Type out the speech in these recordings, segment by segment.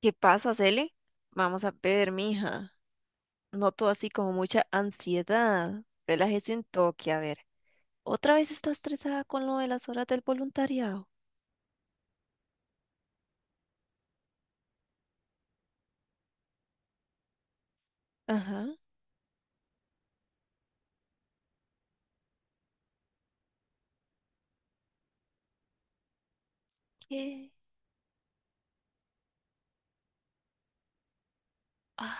¿Qué pasa, Cele? Vamos a ver, mija. Noto así como mucha ansiedad. Relájese un toque, a ver. ¿Otra vez está estresada con lo de las horas del voluntariado? Ajá. ¿Qué? Ah,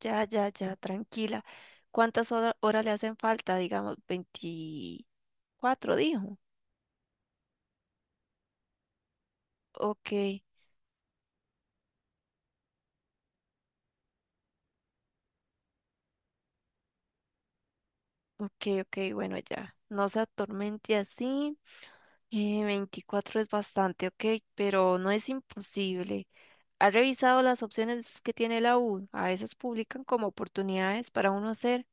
ya, tranquila. ¿Cuántas horas le hacen falta? Digamos, veinticuatro, dijo. Ok, ok, bueno, ya. No se atormente así. 24 es bastante, ok, pero no es imposible. ¿Ha revisado las opciones que tiene la U? A veces publican como oportunidades para uno hacer.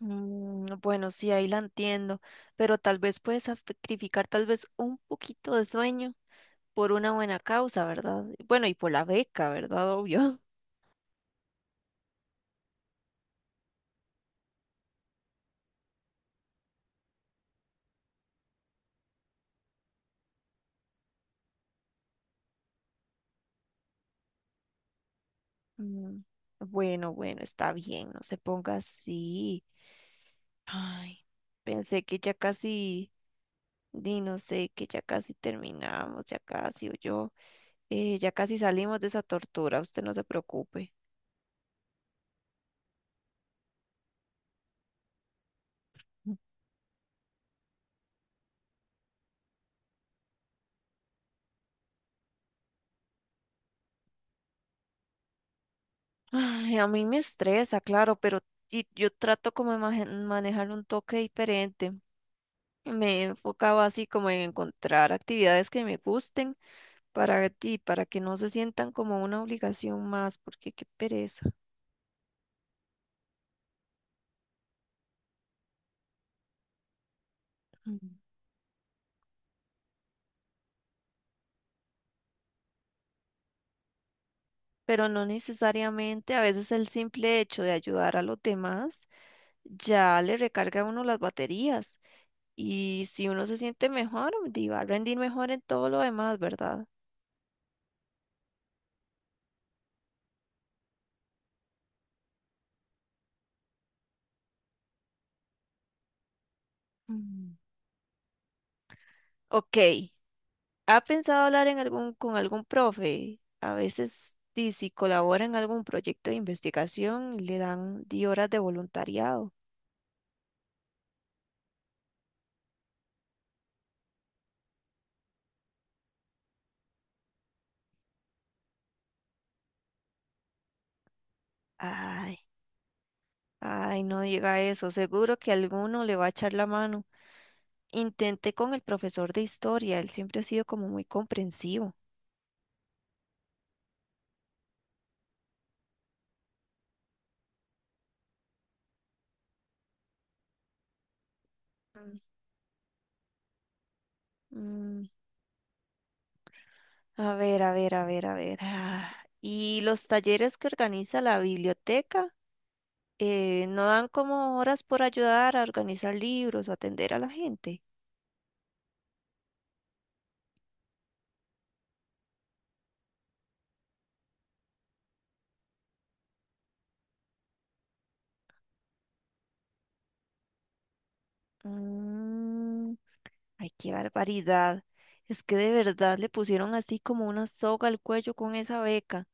Mm, bueno, sí, ahí la entiendo, pero tal vez puedes sacrificar tal vez un poquito de sueño por una buena causa, ¿verdad? Bueno, y por la beca, ¿verdad? Obvio. Mm, bueno, está bien, no se ponga así. Ay, pensé que ya casi, di, no sé, que ya casi terminamos, ya casi, o yo, ya casi salimos de esa tortura, usted no se preocupe. Ay, a mí me estresa, claro, pero sí, yo trato como de manejar un toque diferente. Me he enfocado así como en encontrar actividades que me gusten para ti, para que no se sientan como una obligación más, porque qué pereza. Ujú. Pero no necesariamente, a veces el simple hecho de ayudar a los demás ya le recarga a uno las baterías y si uno se siente mejor, di, va a rendir mejor en todo lo demás, ¿verdad? Mm. Ok, ¿ha pensado hablar con algún profe? A veces, di, si colabora en algún proyecto de investigación, le dan 10 horas de voluntariado. Ay, ay, no diga eso. Seguro que alguno le va a echar la mano. Intenté con el profesor de historia. Él siempre ha sido como muy comprensivo. Mm, Mm, a ver. Y los talleres que organiza la biblioteca, ¿no dan como horas por ayudar a organizar libros o atender a la gente? Mm, ay, qué barbaridad. Es que de verdad le pusieron así como una soga al cuello con esa beca.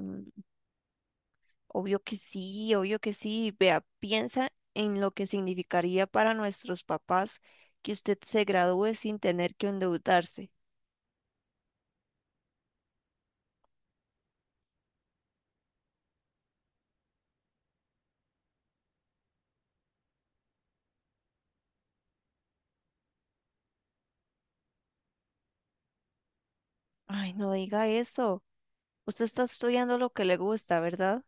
Mm, obvio que sí, obvio que sí. Vea, piensa en lo que significaría para nuestros papás que usted se gradúe sin tener que endeudarse. Ay, no diga eso. Usted está estudiando lo que le gusta, ¿verdad?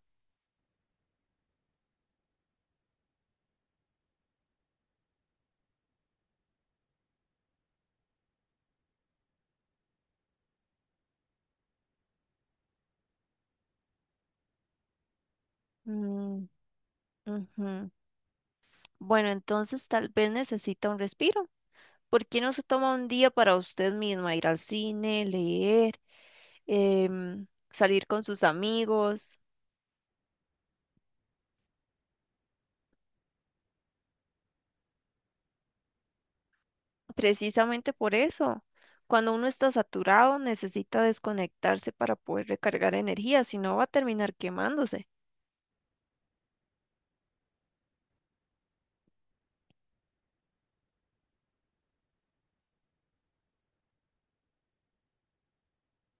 Mm, ujú. Bueno, entonces tal vez necesita un respiro. ¿Por qué no se toma un día para usted misma ir al cine, leer? Salir con sus amigos, precisamente por eso. Cuando uno está saturado, necesita desconectarse para poder recargar energía, si no va a terminar quemándose.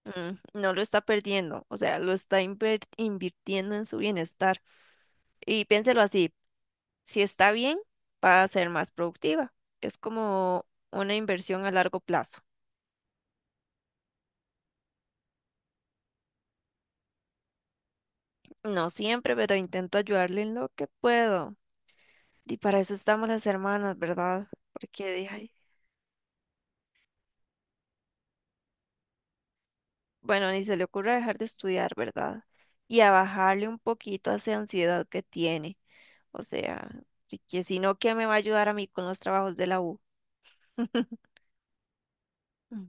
Mm, no lo está perdiendo, o sea, lo está invirtiendo en su bienestar. Y piénselo así, si está bien, va a ser más productiva. Es como una inversión a largo plazo. No siempre, pero intento ayudarle en lo que puedo. Y para eso estamos las hermanas, ¿verdad? Porque dije, bueno, ni se le ocurra dejar de estudiar, ¿verdad? Y a bajarle un poquito a esa ansiedad que tiene. O sea, si no, ¿qué me va a ayudar a mí con los trabajos de la U? Mm,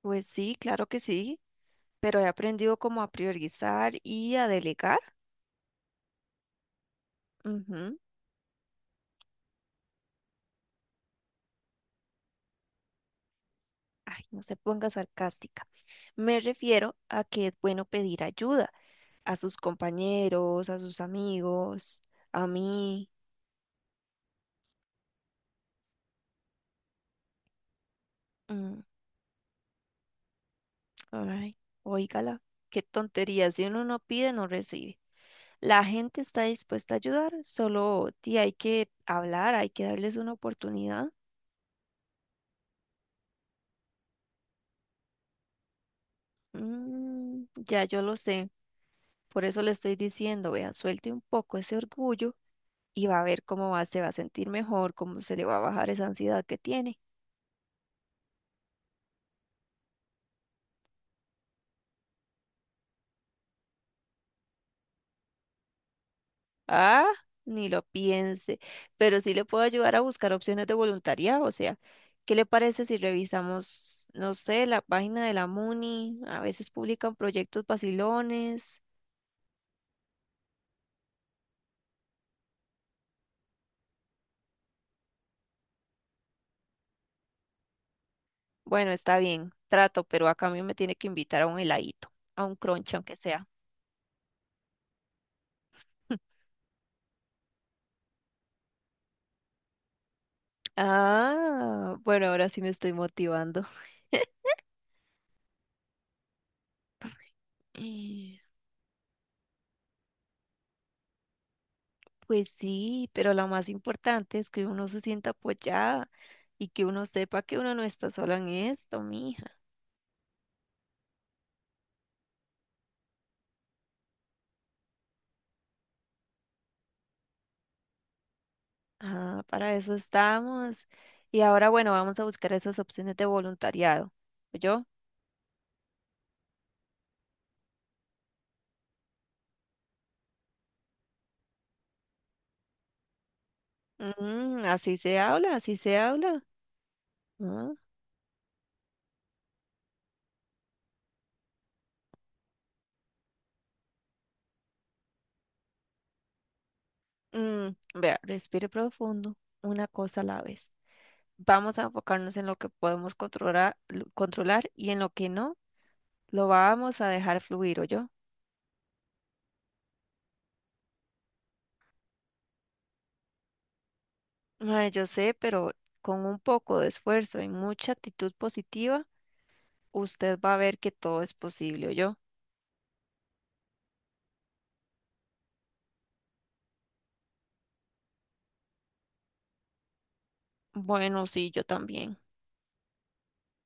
pues sí, claro que sí, pero he aprendido como a priorizar y a delegar. Ujú. Ay, no se ponga sarcástica. Me refiero a que es bueno pedir ayuda a sus compañeros, a sus amigos, a mí. Mm, ay, óigala, qué tontería. Si uno no pide, no recibe. La gente está dispuesta a ayudar, hay que hablar, hay que darles una oportunidad. Mm, ya yo lo sé, por eso le estoy diciendo, vea, suelte un poco ese orgullo y va a ver cómo va, se va a sentir mejor, cómo se le va a bajar esa ansiedad que tiene. Ah, ni lo piense, pero sí le puedo ayudar a buscar opciones de voluntariado, o sea, ¿qué le parece si revisamos, no sé, la página de la MUNI? A veces publican proyectos vacilones. Bueno, está bien, trato, pero a cambio me tiene que invitar a un heladito, a un crunch, aunque sea. Ah, bueno, ahora sí me estoy motivando. Eh, Pues sí, pero lo más importante es que uno se sienta apoyada y que uno sepa que uno no está sola en esto, mija. Ah, para eso estamos. Y ahora, bueno, vamos a buscar esas opciones de voluntariado. ¿Yo? Así se habla, así se habla. Ah, mm, vea, respire profundo, una cosa a la vez. Vamos a enfocarnos en lo que podemos controlar, y en lo que no, lo vamos a dejar fluir, o yo. Mae, yo sé, pero con un poco de esfuerzo y mucha actitud positiva, usted va a ver que todo es posible, o yo. Bueno, sí, yo también.